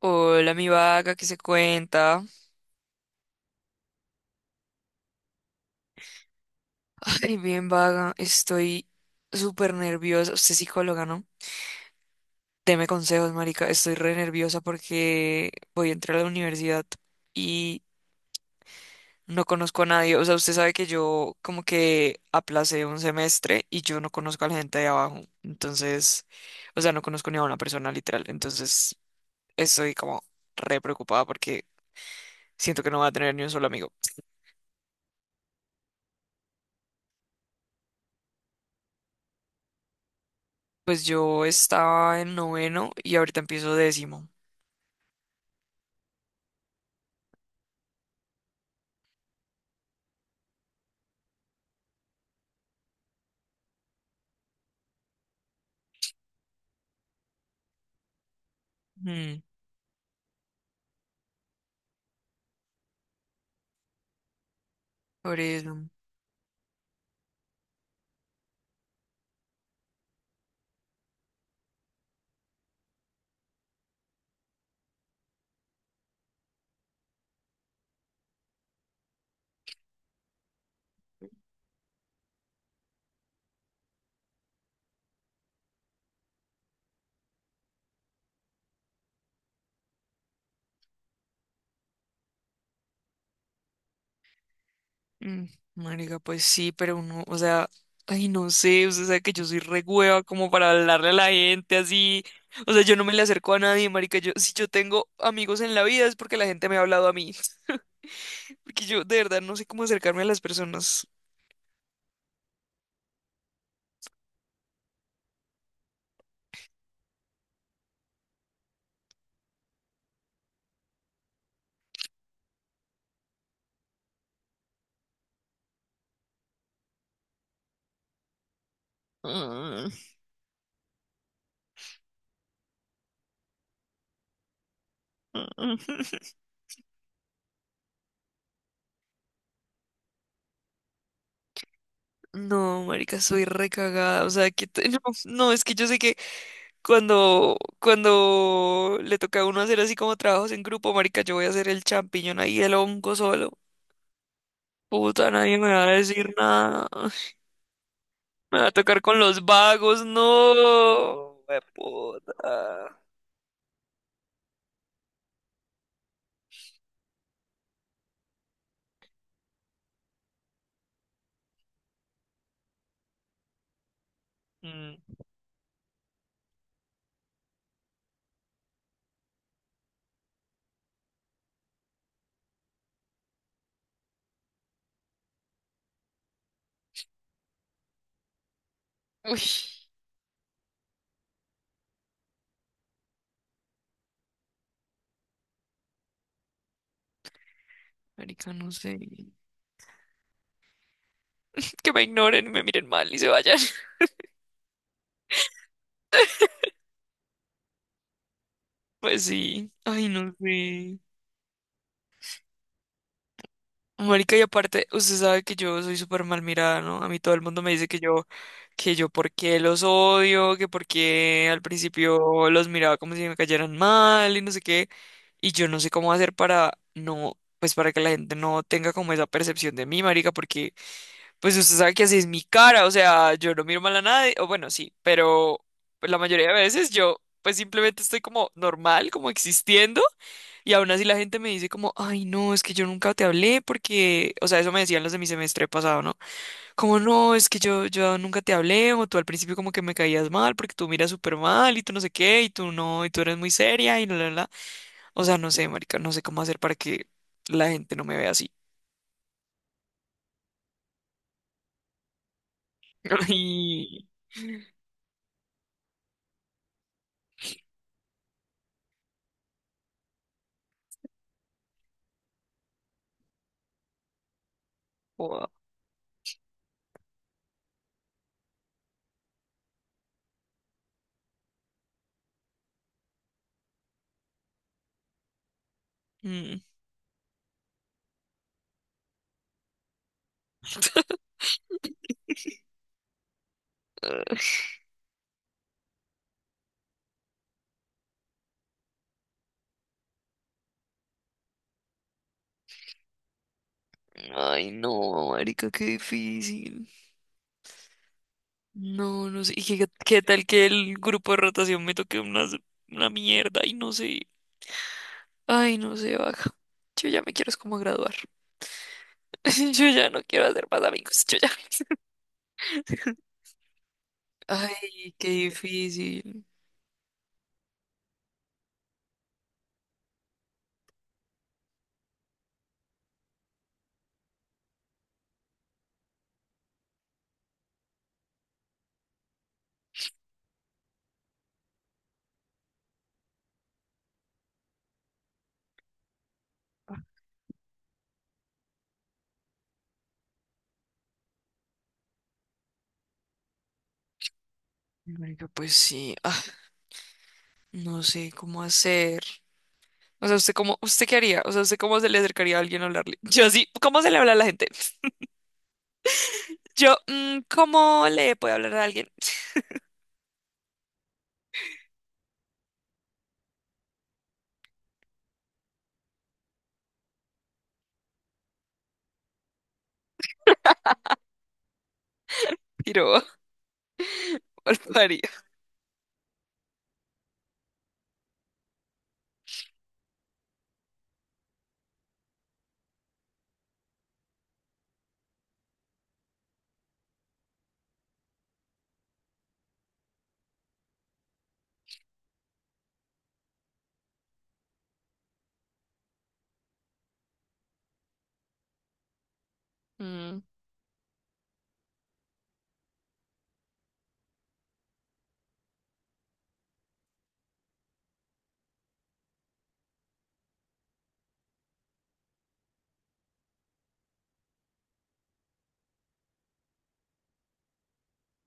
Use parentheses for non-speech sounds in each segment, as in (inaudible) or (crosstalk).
Hola, mi vaga, ¿qué se cuenta? Ay, bien vaga, estoy súper nerviosa. Usted es psicóloga, ¿no? Deme consejos, marica. Estoy re nerviosa porque voy a entrar a la universidad y no conozco a nadie. O sea, usted sabe que yo como que aplacé un semestre y yo no conozco a la gente de abajo. Entonces, o sea, no conozco ni a una persona literal. Entonces, estoy como re preocupada porque siento que no voy a tener ni un solo amigo. Pues yo estaba en noveno y ahorita empiezo décimo. Mm, por eso. Mm, marica, pues sí, pero uno, o sea, ay, no sé, o sea, que yo soy re hueva como para hablarle a la gente así. O sea, yo no me le acerco a nadie, marica. Yo, si yo tengo amigos en la vida es porque la gente me ha hablado a mí. (laughs) Porque yo de verdad no sé cómo acercarme a las personas. (laughs) Mm, mm. No, marica, soy recagada. O sea, (laughs) no, no, es que yo sé que cuando le toca a uno hacer así como trabajos en grupo, marica, yo voy a hacer el champiñón ahí, el hongo solo. Puta, nadie me va a decir nada. Me va a tocar con los vagos, no. Mm, uy, marica, no sé. (laughs) Que me ignoren y me miren mal y se vayan. (laughs) Pues sí. Ay, no sé. Marica, y aparte, usted sabe que yo soy súper mal mirada, ¿no? A mí todo el mundo me dice que yo por qué los odio, que por qué al principio los miraba como si me cayeran mal y no sé qué. Y yo no sé cómo hacer para no, pues para que la gente no tenga como esa percepción de mí, marica, porque pues usted sabe que así es mi cara, o sea, yo no miro mal a nadie, o bueno, sí, pero pues, la mayoría de veces yo pues simplemente estoy como normal, como existiendo, y aún así la gente me dice como, ay, no, es que yo nunca te hablé porque, o sea, eso me decían los de mi semestre pasado, ¿no? Como, no, es que yo nunca te hablé, o tú al principio como que me caías mal porque tú miras súper mal y tú no sé qué, y tú no, y tú eres muy seria y la, la, la. O sea, no sé, marica, no sé cómo hacer para que la gente no me vea así. (laughs) Y... wow. Ay, no, marica, qué difícil. No, no sé. ¿Y qué, qué tal que el grupo de rotación me toque una mierda? Y no sé. Ay, no sé, baja. Yo ya me quiero es como graduar. (laughs) Yo ya no quiero hacer más amigos. Yo ya. (laughs) Ay, qué difícil. Marica, pues sí. Ah, no sé cómo hacer. O sea, ¿usted cómo, usted qué haría? O sea, ¿usted cómo se le acercaría a alguien a hablarle? Yo así, ¿cómo se le habla a la gente? Yo, ¿cómo le puedo hablar a alguien? (laughs) Pero, (laughs) mm.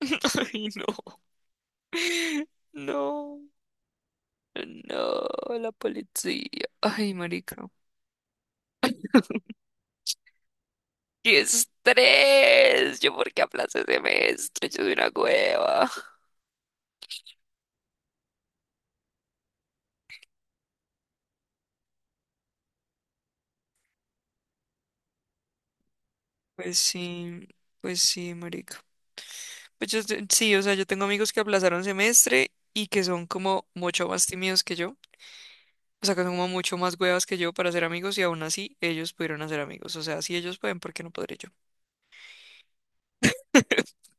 (laughs) Ay, no. No. No, la policía. Ay, marica. ¡Qué estrés! ¿Yo por qué aplacé semestre? Yo soy una cueva. Pues sí, pues sí, marica. Sí, o sea, yo tengo amigos que aplazaron semestre y que son como mucho más tímidos que yo. O sea, que son como mucho más huevas que yo para ser amigos y aún así ellos pudieron hacer amigos. O sea, si ellos pueden, ¿por qué no podré yo? (laughs)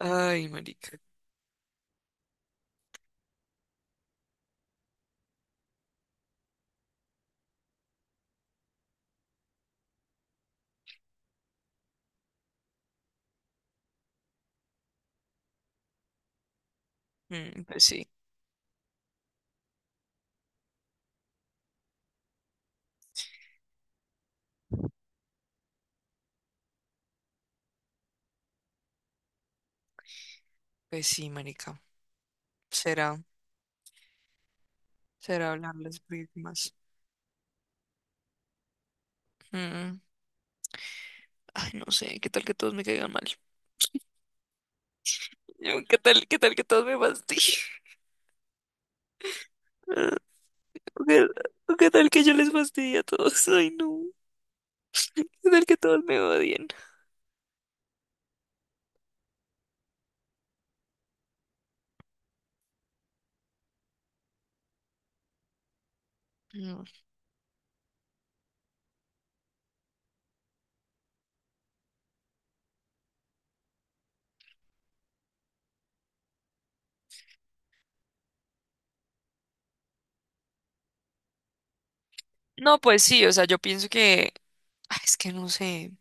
Ay, marica. Mm, pues sí, marica. Será. Será hablarles muy más. Mm, ay, no sé, ¿qué tal que todos me caigan mal? (laughs) Qué tal que todos me fastidien? (laughs) ¿O qué, o qué tal que yo les fastidie a todos? Ay, no. ¿Qué tal que todos me odien? No, no, pues sí, o sea, yo pienso que... Ay, es que no sé.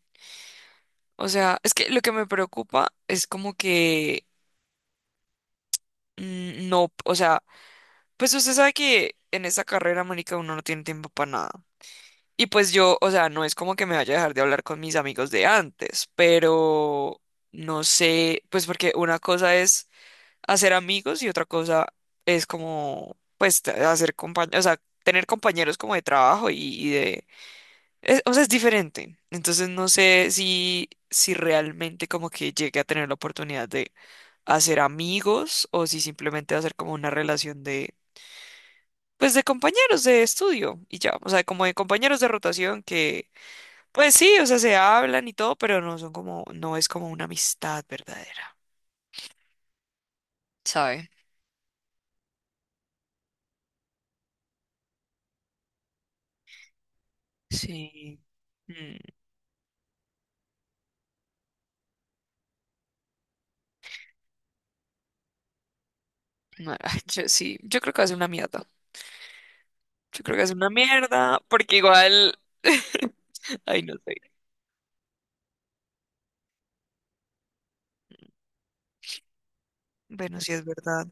O sea, es que lo que me preocupa es como que... no, o sea, pues usted sabe que en esa carrera, marica, uno no tiene tiempo para nada. Y pues yo, o sea, no es como que me vaya a dejar de hablar con mis amigos de antes, pero no sé, pues porque una cosa es hacer amigos y otra cosa es como, pues, hacer compañeros, o sea, tener compañeros como de trabajo o sea, es diferente. Entonces no sé si, si realmente como que llegue a tener la oportunidad de hacer amigos o si simplemente hacer como una relación de, pues, de compañeros de estudio y ya, o sea, como de compañeros de rotación que pues sí, o sea, se hablan y todo, pero no son como, no es como una amistad verdadera. ¿Sabes? Sí. Mm, no, (laughs) ay, yo sí, yo creo que va a ser una mierda. Yo creo que va a ser una mierda, porque igual. (laughs) Ay, no sé. Bueno, sí es verdad.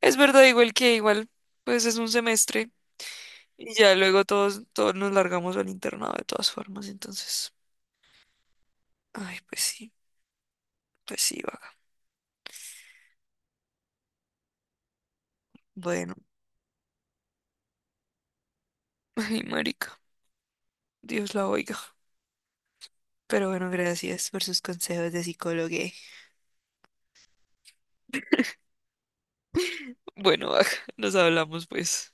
Es verdad, igual que igual, pues es un semestre y ya luego todos, todos nos largamos al internado de todas formas, entonces. Ay, pues sí, vaga. Bueno, (laughs) ay, marica, Dios la oiga. Pero bueno, gracias por sus consejos de psicólogo. Bueno, (laughs) nos hablamos pues.